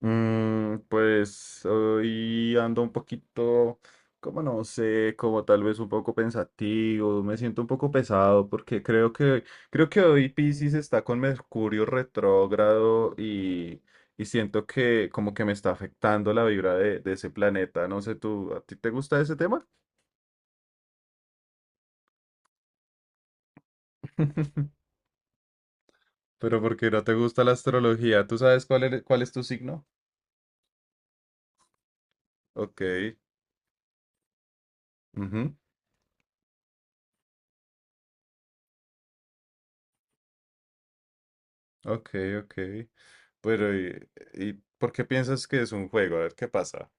Pues hoy ando un poquito, como no sé, como tal vez un poco pensativo. Me siento un poco pesado porque creo que hoy Piscis está con Mercurio retrógrado y siento que como que me está afectando la vibra de ese planeta. No sé, ¿tú, a ti te gusta ese tema? Pero porque no te gusta la astrología? ¿Tú sabes cuál es tu signo? Ok. Ujú. Ok, ok. Pero ¿y por qué piensas que es un juego? A ver qué pasa.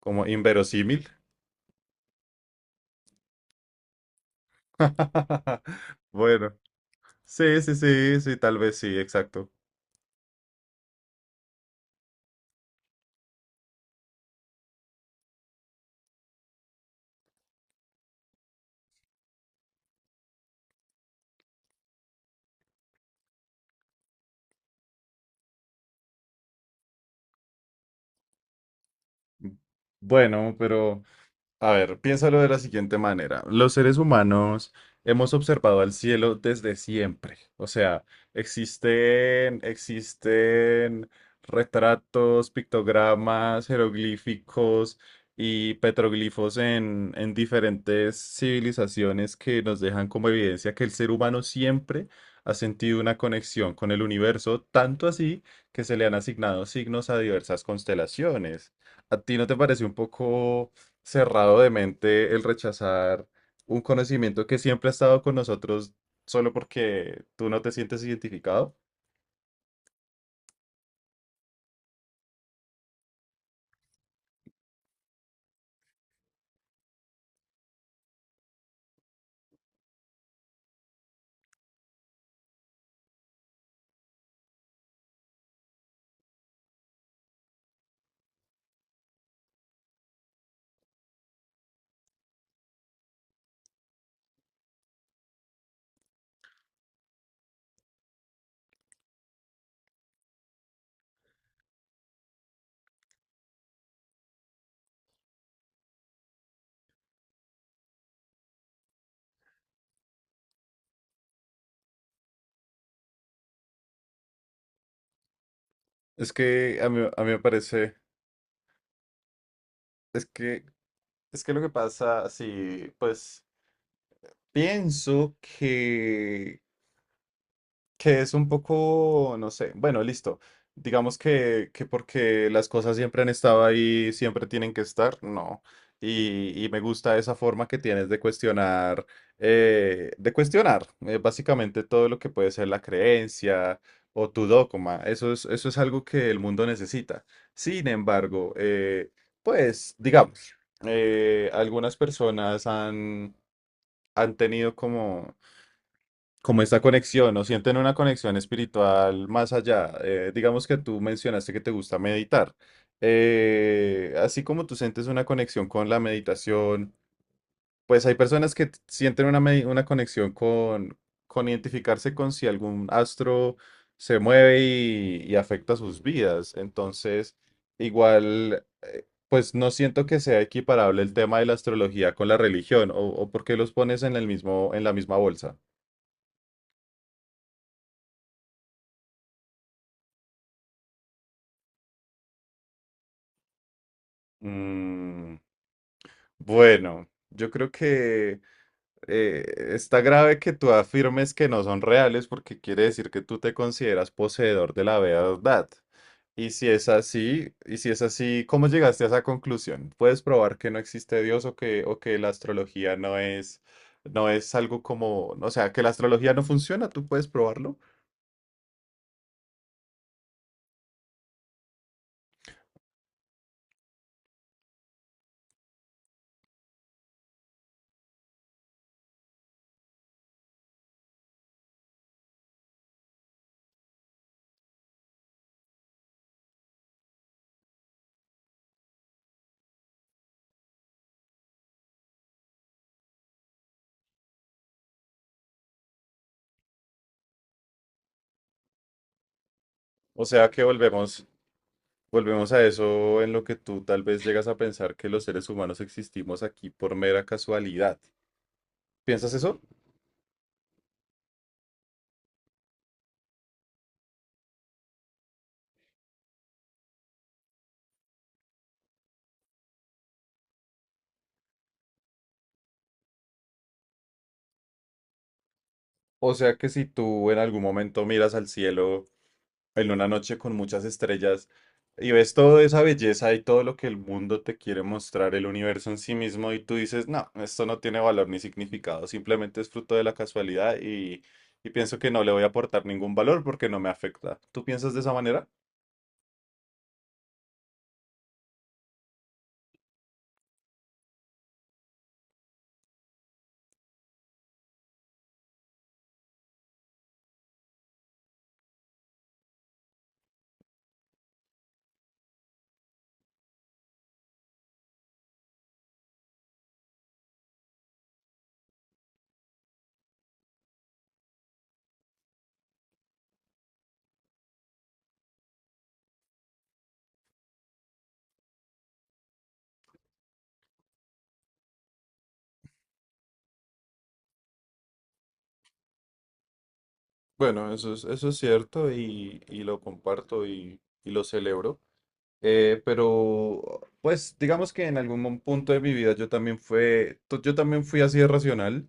¿Como inverosímil? Bueno, sí, sí, sí, sí, tal vez sí, exacto. Bueno, pero a ver, piénsalo de la siguiente manera. Los seres humanos hemos observado al cielo desde siempre. O sea, existen retratos, pictogramas, jeroglíficos y petroglifos en diferentes civilizaciones que nos dejan como evidencia que el ser humano siempre ha sentido una conexión con el universo, tanto así que se le han asignado signos a diversas constelaciones. ¿A ti no te parece un poco cerrado de mente el rechazar un conocimiento que siempre ha estado con nosotros solo porque tú no te sientes identificado? Es que a mí me parece, es que, es que lo que pasa, si pues pienso que es un poco, no sé, bueno, listo. Digamos que porque las cosas siempre han estado ahí, siempre tienen que estar, no. Y me gusta esa forma que tienes de cuestionar básicamente todo lo que puede ser la creencia o tu dogma. Eso es algo que el mundo necesita. Sin embargo, pues, digamos, algunas personas han tenido como esta conexión. ¿O sienten una conexión espiritual más allá? Digamos que tú mencionaste que te gusta meditar. Así como tú sientes una conexión con la meditación, pues hay personas que sienten una conexión con identificarse con si algún astro se mueve y afecta sus vidas. Entonces, igual, pues no siento que sea equiparable el tema de la astrología con la religión, o por qué los pones en el mismo, en la misma bolsa. Mm. Bueno, yo creo que eh, está grave que tú afirmes que no son reales, porque quiere decir que tú te consideras poseedor de la verdad. Y si es así, ¿cómo llegaste a esa conclusión? ¿Puedes probar que no existe Dios, o que la astrología no es algo como, o sea, que la astrología no funciona? ¿Tú puedes probarlo? O sea, que volvemos a eso en lo que tú tal vez llegas a pensar que los seres humanos existimos aquí por mera casualidad. ¿Piensas eso? O sea que si tú en algún momento miras al cielo en una noche con muchas estrellas y ves toda esa belleza y todo lo que el mundo te quiere mostrar, el universo en sí mismo, y tú dices, no, esto no tiene valor ni significado, simplemente es fruto de la casualidad y pienso que no le voy a aportar ningún valor porque no me afecta. ¿Tú piensas de esa manera? Bueno, eso es cierto y lo comparto y lo celebro. Pero, pues, digamos que en algún punto de mi vida yo también yo también fui así de racional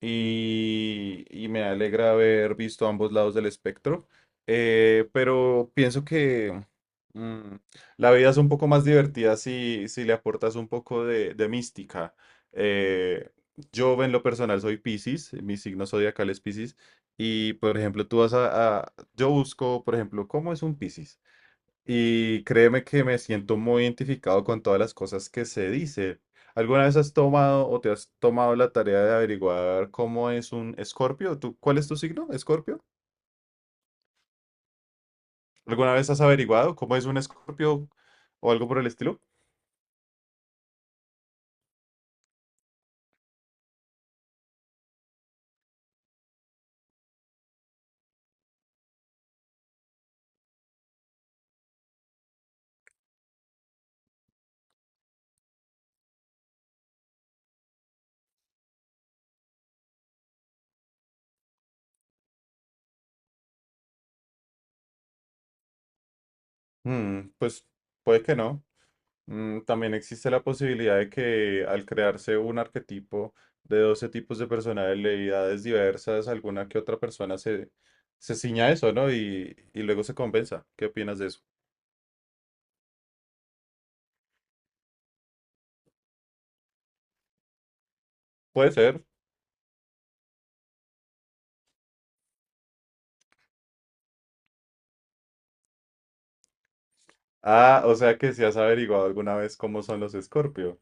y me alegra haber visto ambos lados del espectro. Pero pienso que mm, la vida es un poco más divertida si, si le aportas un poco de mística. Eh, yo en lo personal soy Piscis, mi signo zodiacal es Piscis y, por ejemplo, tú vas a- yo busco, por ejemplo, ¿cómo es un Piscis? Y créeme que me siento muy identificado con todas las cosas que se dicen. ¿Alguna vez has tomado o te has tomado la tarea de averiguar cómo es un escorpio? ¿Tú, cuál es tu signo, escorpio? ¿Alguna vez has averiguado cómo es un escorpio o algo por el estilo? Mm, pues puede que no. Mm, también existe la posibilidad de que al crearse un arquetipo de 12 tipos de personalidades diversas, alguna que otra persona se ciña a eso, ¿no? Y luego se compensa. ¿Qué opinas de eso? Puede ser. Ah, o sea que si has averiguado alguna vez cómo son los Escorpio.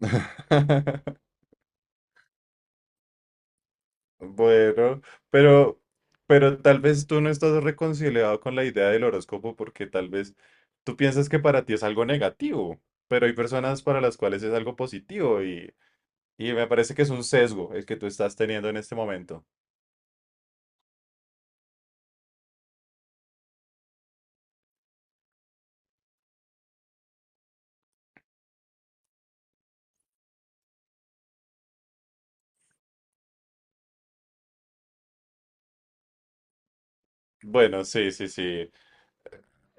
Bueno, pero, pero tal vez tú no estás reconciliado con la idea del horóscopo, porque tal vez tú piensas que para ti es algo negativo, pero hay personas para las cuales es algo positivo y me parece que es un sesgo el que tú estás teniendo en este momento. Bueno, sí, sí, sí.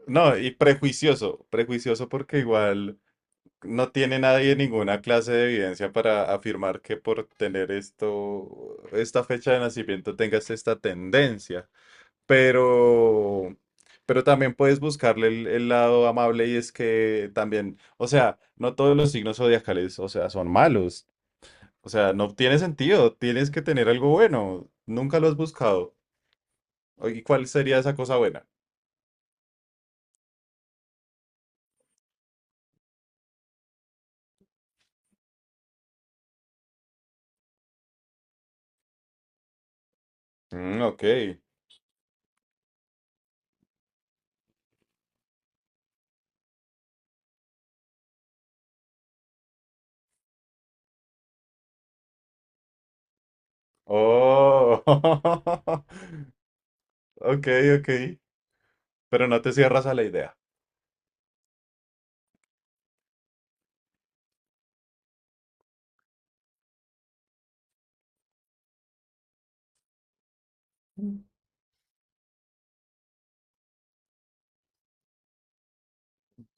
No, y prejuicioso, prejuicioso porque igual... No tiene nadie ninguna clase de evidencia para afirmar que por tener esto, esta fecha de nacimiento tengas esta tendencia. Pero, pero también puedes buscarle el lado amable. Y es que también, o sea, no todos los signos zodiacales, o sea, son malos. O sea, no tiene sentido. Tienes que tener algo bueno. Nunca lo has buscado. ¿Y cuál sería esa cosa buena? Mm, ok. Oh. Ok, ok. Pero no te cierras a la idea.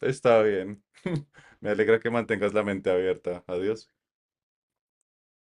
Está bien. Me alegra que mantengas la mente abierta. Adiós.